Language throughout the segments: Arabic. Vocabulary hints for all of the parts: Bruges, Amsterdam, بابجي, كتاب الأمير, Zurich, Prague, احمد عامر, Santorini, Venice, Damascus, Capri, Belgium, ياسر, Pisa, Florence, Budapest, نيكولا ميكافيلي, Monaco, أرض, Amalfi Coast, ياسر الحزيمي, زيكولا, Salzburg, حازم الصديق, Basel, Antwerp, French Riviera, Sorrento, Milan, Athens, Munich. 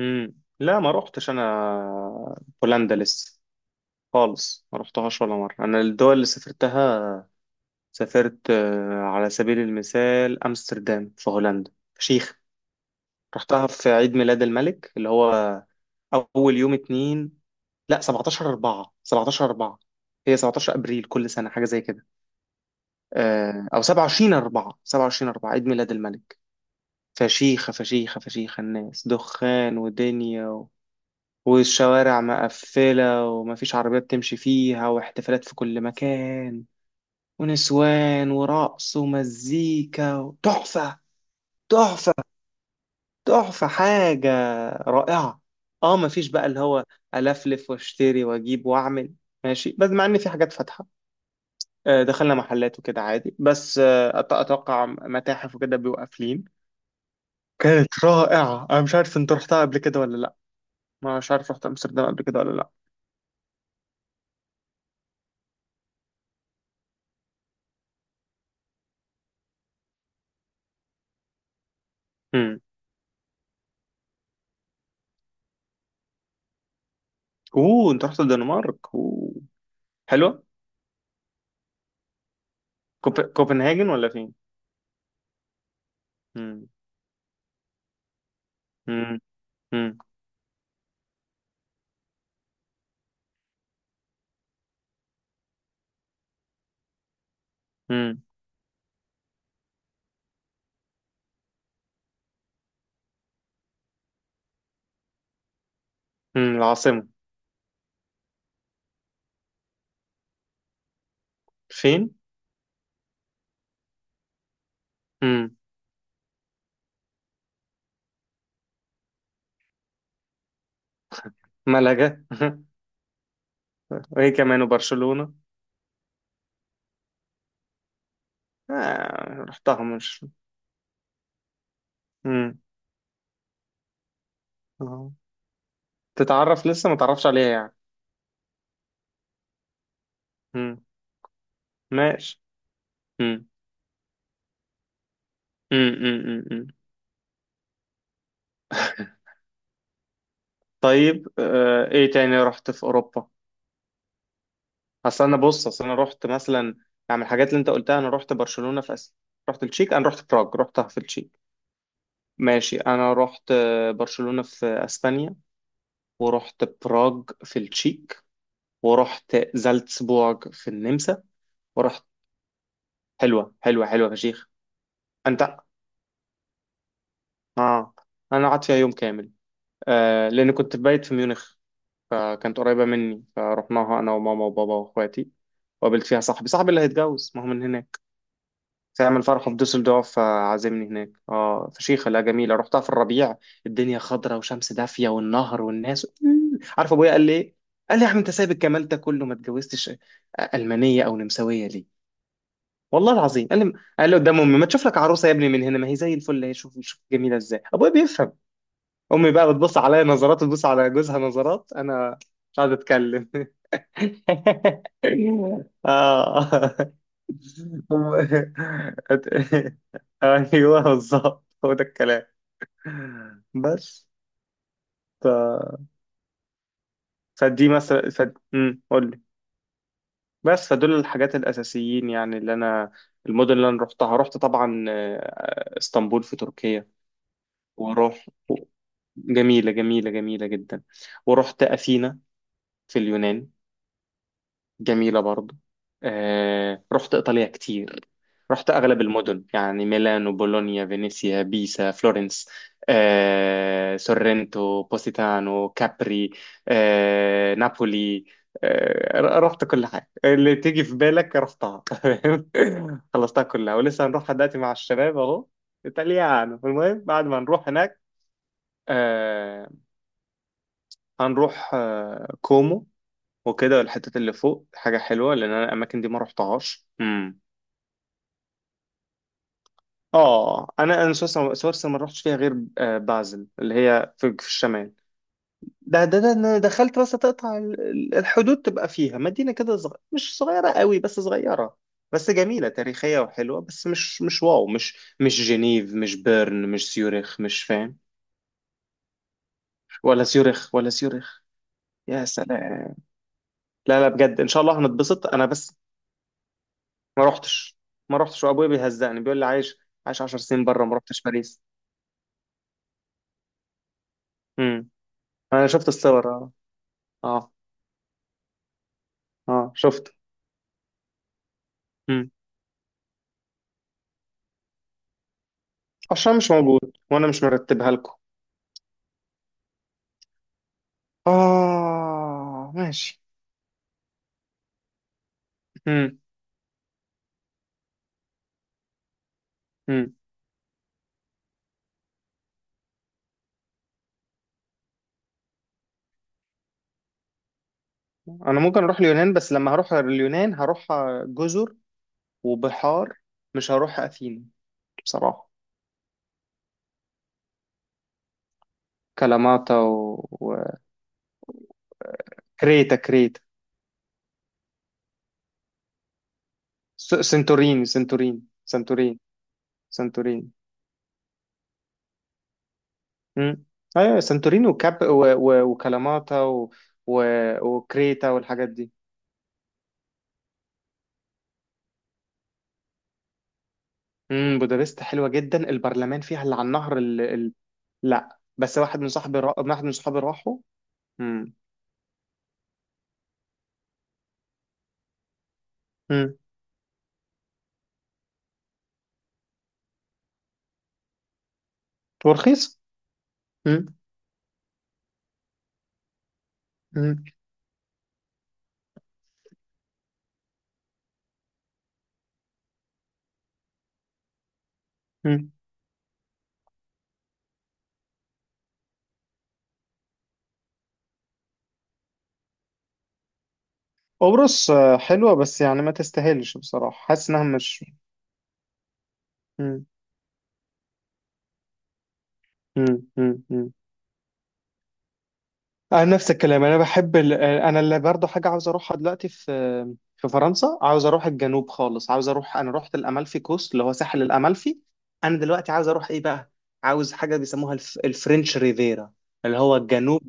لا، ما روحتش انا بولندا لسه خالص. ما روحتهاش ولا مره. انا الدول اللي سافرتها، سافرت على سبيل المثال امستردام في هولندا، فشيخ. رحتها في عيد ميلاد الملك اللي هو اول يوم اتنين، لا 17 4، 17 4، هي 17 ابريل كل سنه، حاجه زي كده. او 27 4، 27 4 عيد ميلاد الملك. فشيخه فشيخه فشيخه. الناس دخان ودنيا، والشوارع مقفلة ومفيش عربيات تمشي فيها، واحتفالات في كل مكان، ونسوان ورقص ومزيكا. تحفة. تحفة. تحفة حاجة رائعة. اه، مفيش بقى اللي هو ألفلف واشتري واجيب واعمل. ماشي، بس مع ان في حاجات فاتحة. دخلنا محلات وكده عادي، بس اتوقع متاحف وكده بيبقوا قافلين. كانت رائعة. انا مش عارف انت رحتها قبل كده ولا لا، مش عارف رحت امستردام قبل كده ولا لا. مم. اوه، انت رحت الدنمارك؟ اوه، حلوة. كوبنهاجن ولا فين؟ مم. مم. مم. مم. مم. العاصمة؟ فين؟ مم. ملقا. وهي كمان وبرشلونة. آه، رحتها مش... مم. آه. تتعرف لسه ما تعرفش عليها يعني؟ مم. ماشي. مم. مم. مم. مم. مم. طيب، ايه تاني رحت في اوروبا؟ اصل انا بص، اصل انا رحت مثلا، يعني من الحاجات اللي انت قلتها انا رحت برشلونة في اسيا. رحت التشيك. انا رحت براغ، رحتها في التشيك. ماشي، انا رحت برشلونة في اسبانيا، ورحت براغ في التشيك، ورحت زالتسبورغ في النمسا، ورحت... حلوة حلوة حلوة، فشيخ. انت... اه، انا قعدت فيها يوم كامل، آه، لان كنت بايت في ميونخ، فكانت قريبة مني فرحناها انا وماما وبابا واخواتي. وقابلت فيها صاحبي اللي هيتجوز، ما هو من هناك. تعمل فرحه في دوسلدورف فعازمني هناك. اه، فشيخة، لا، جميلة. رحتها في الربيع، الدنيا خضرة وشمس دافية والنهر والناس. عارف ابويا قال لي ايه؟ قال لي: يا عم، انت سايب الجمال ده كله ما اتجوزتش ألمانية او نمساوية ليه؟ والله العظيم قال لي، قال لي قدام امي: ما تشوف لك عروسة يا ابني من هنا، ما هي زي الفل، هي، شوف شوف جميلة ازاي. ابويا بيفهم. امي بقى بتبص عليا نظرات وتبص على جوزها نظرات، انا مش قاعد اتكلم. اه. هم- أت- ايوه بالظبط، هو ده الكلام بس. ف... فدي مثلا. ف... مم، قول لي بس. فدول الحاجات الاساسيين، يعني اللي انا، المدن اللي انا رحتها. رحت طبعا اسطنبول في تركيا. واروح... جميله جميله جميله جدا. ورحت اثينا في اليونان، جميلة برضو. رحت إيطاليا كتير، رحت أغلب المدن يعني: ميلانو، بولونيا، فينيسيا، بيسا، فلورنس، سورنتو، بوسيتانو، كابري، نابولي. رحت كل حاجة اللي تيجي في بالك رحتها. فاهم؟ خلصتها كلها، ولسه هنروحها دلوقتي مع الشباب أهو، إيطاليانو. المهم بعد ما نروح هناك آه، هنروح كومو وكده، الحتات اللي فوق. حاجة حلوة لأن أنا الأماكن دي ما رحتهاش. مم. آه، أنا سويسرا، ما رحتش فيها غير بازل اللي هي في الشمال. ده أنا دخلت بس، تقطع الحدود تبقى فيها مدينة كده، مش صغيرة قوي بس صغيرة. بس جميلة، تاريخية وحلوة، بس مش مش واو، مش جنيف، مش بيرن، مش سيورخ، مش فاهم. ولا سيورخ، ولا سيورخ. يا سلام. لا لا، بجد إن شاء الله هنتبسط. أنا بس ما رحتش ما رحتش، وابويا بيهزقني بيقول لي: عايش 10 سنين بره ما رحتش باريس. امم. انا شفت الصور، اه. اه. اه، شفت. امم. عشان مش موجود، وانا مش مرتبها لكم. اه، ماشي. امم. امم. انا ممكن اروح اليونان، بس لما هروح اليونان هروح جزر وبحار، مش هروح اثينا بصراحة. كلاماتا و... وكريتا، كريتا. سنتوريني. سنتوريني مم. ايوه سانتوريني، وكاب و... و... وكلاماتا و... و... وكريتا، والحاجات دي. امم. بودابست حلوه جدا، البرلمان فيها اللي على النهر ال... ال... لا، بس واحد من صاحبي واحد من صحابي راحوا. امم. امم. ورخيص. امم. امم. امم. قبرص، آه، حلوه، بس يعني ما تستاهلش بصراحه، حاسس انها مش... امم. انا نفس الكلام، انا بحب ال... انا اللي برضه حاجه عاوز اروحها دلوقتي في في فرنسا، عاوز اروح الجنوب خالص، عاوز اروح... انا رحت الامالفي كوست اللي هو ساحل الامالفي. انا دلوقتي عاوز اروح ايه بقى، عاوز حاجه بيسموها الفرنش ريفيرا، اللي هو الجنوب.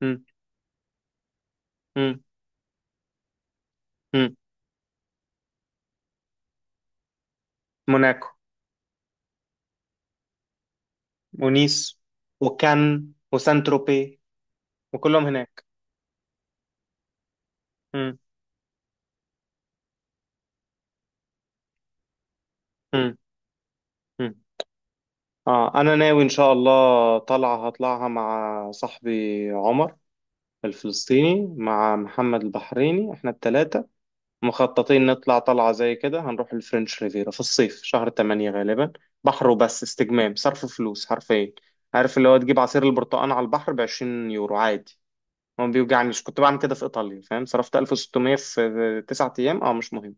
مم. مم. مم. موناكو، ونيس، وكان، وسان تروبي، وكلهم هناك. مم. مم. مم. اه، انا ناوي ان شاء الله طالعه هطلعها مع صاحبي عمر الفلسطيني، مع محمد البحريني. احنا التلاتة مخططين نطلع طلعة زي كده، هنروح الفرنش ريفيرا في الصيف، شهر 8 غالبا. بحر وبس، استجمام، صرف فلوس حرفيا. عارف اللي هو تجيب عصير البرتقال على البحر بـ20 يورو عادي، ما بيوجعنيش. كنت بعمل كده في إيطاليا، فاهم؟ صرفت 1600 في 9 أيام. اه، مش مهم.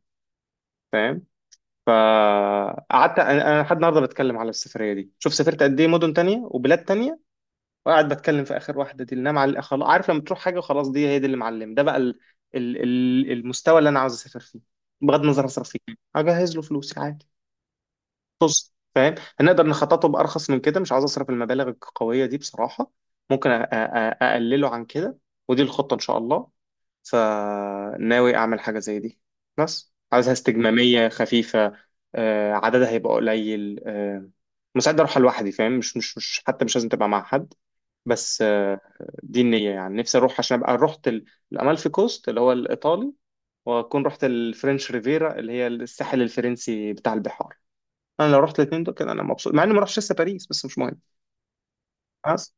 فاهم. فقعدت أنا لحد النهاردة بتكلم على السفرية دي. شوف سافرت قد إيه مدن تانية وبلاد تانية، وقاعد بتكلم في اخر واحده دي اللي انا خلاص. عارف، لما تروح حاجه وخلاص، دي هي، دي اللي معلم، ده بقى ال... ال... المستوى اللي انا عاوز اسافر فيه، بغض النظر اصرف فيه، اجهز له فلوسي عادي. بص، فاهم، هنقدر نخططه بارخص من كده، مش عاوز اصرف المبالغ القويه دي بصراحه. ممكن اقلله عن كده. ودي الخطه ان شاء الله، فناوي اعمل حاجه زي دي، بس عاوزها استجماميه خفيفه. عددها هيبقى قليل. مستعد اروح لوحدي فاهم، مش مش مش حتى مش لازم تبقى مع حد. بس دي النية يعني. نفسي أروح عشان أبقى رحت الأمالفي كوست اللي هو الإيطالي، وأكون رحت الفرنش ريفيرا اللي هي الساحل الفرنسي بتاع البحار. أنا لو رحت الاتنين دول كده أنا مبسوط، مع إني ما رحتش لسه باريس، بس مش مهم. بس،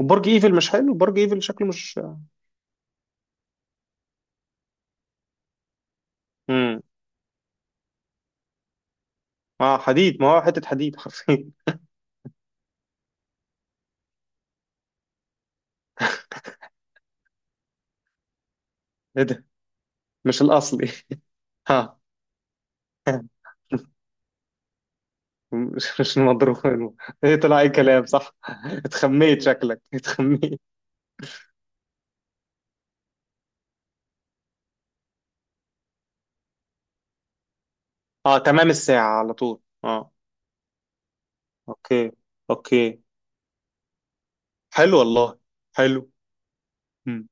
وبرج إيفل مش حلو، برج إيفل شكله مش... مم. آه، حديد، ما هو حتة حديد حرفيا. إيه ده؟ مش الأصلي. ها. مش مضروب. ايه، طلع اي كلام، صح. اتخميت، شكلك اتخميت. اه، تمام. الساعة على طول، اه. اوكي. اوكي. حلو والله. حلو. مم.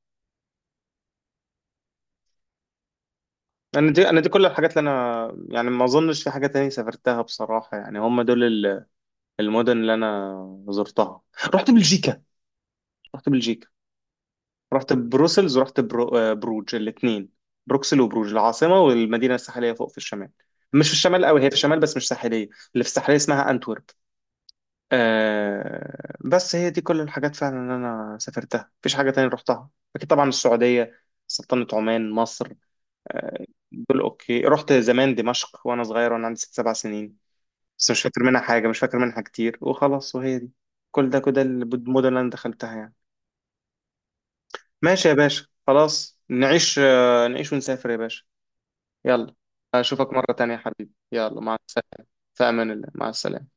انا دي، كل الحاجات اللي انا، يعني ما اظنش في حاجه تانية سافرتها بصراحه، يعني هم دول المدن اللي انا زرتها. رحت بلجيكا. رحت بلجيكا رحت بروسلز ورحت بروج، الاثنين: بروكسل وبروج، العاصمه والمدينه الساحليه فوق في الشمال. مش في الشمال قوي، هي في الشمال بس مش ساحليه، اللي في الساحليه اسمها انتورب. آه، بس هي دي كل الحاجات فعلا اللي انا سافرتها، مفيش حاجه تانية رحتها. اكيد طبعا السعوديه، سلطنة عمان، مصر، دول اوكي. رحت زمان دمشق وانا صغير، وانا عندي 6 7 سنين، بس مش فاكر منها حاجه، مش فاكر منها كتير وخلاص. وهي دي كل ده كده المدن اللي انا دخلتها يعني. ماشي يا باشا، خلاص نعيش، نعيش ونسافر يا باشا. يلا، اشوفك مره تانية يا حبيبي. يلا، مع السلامه. في امان الله، مع السلامه.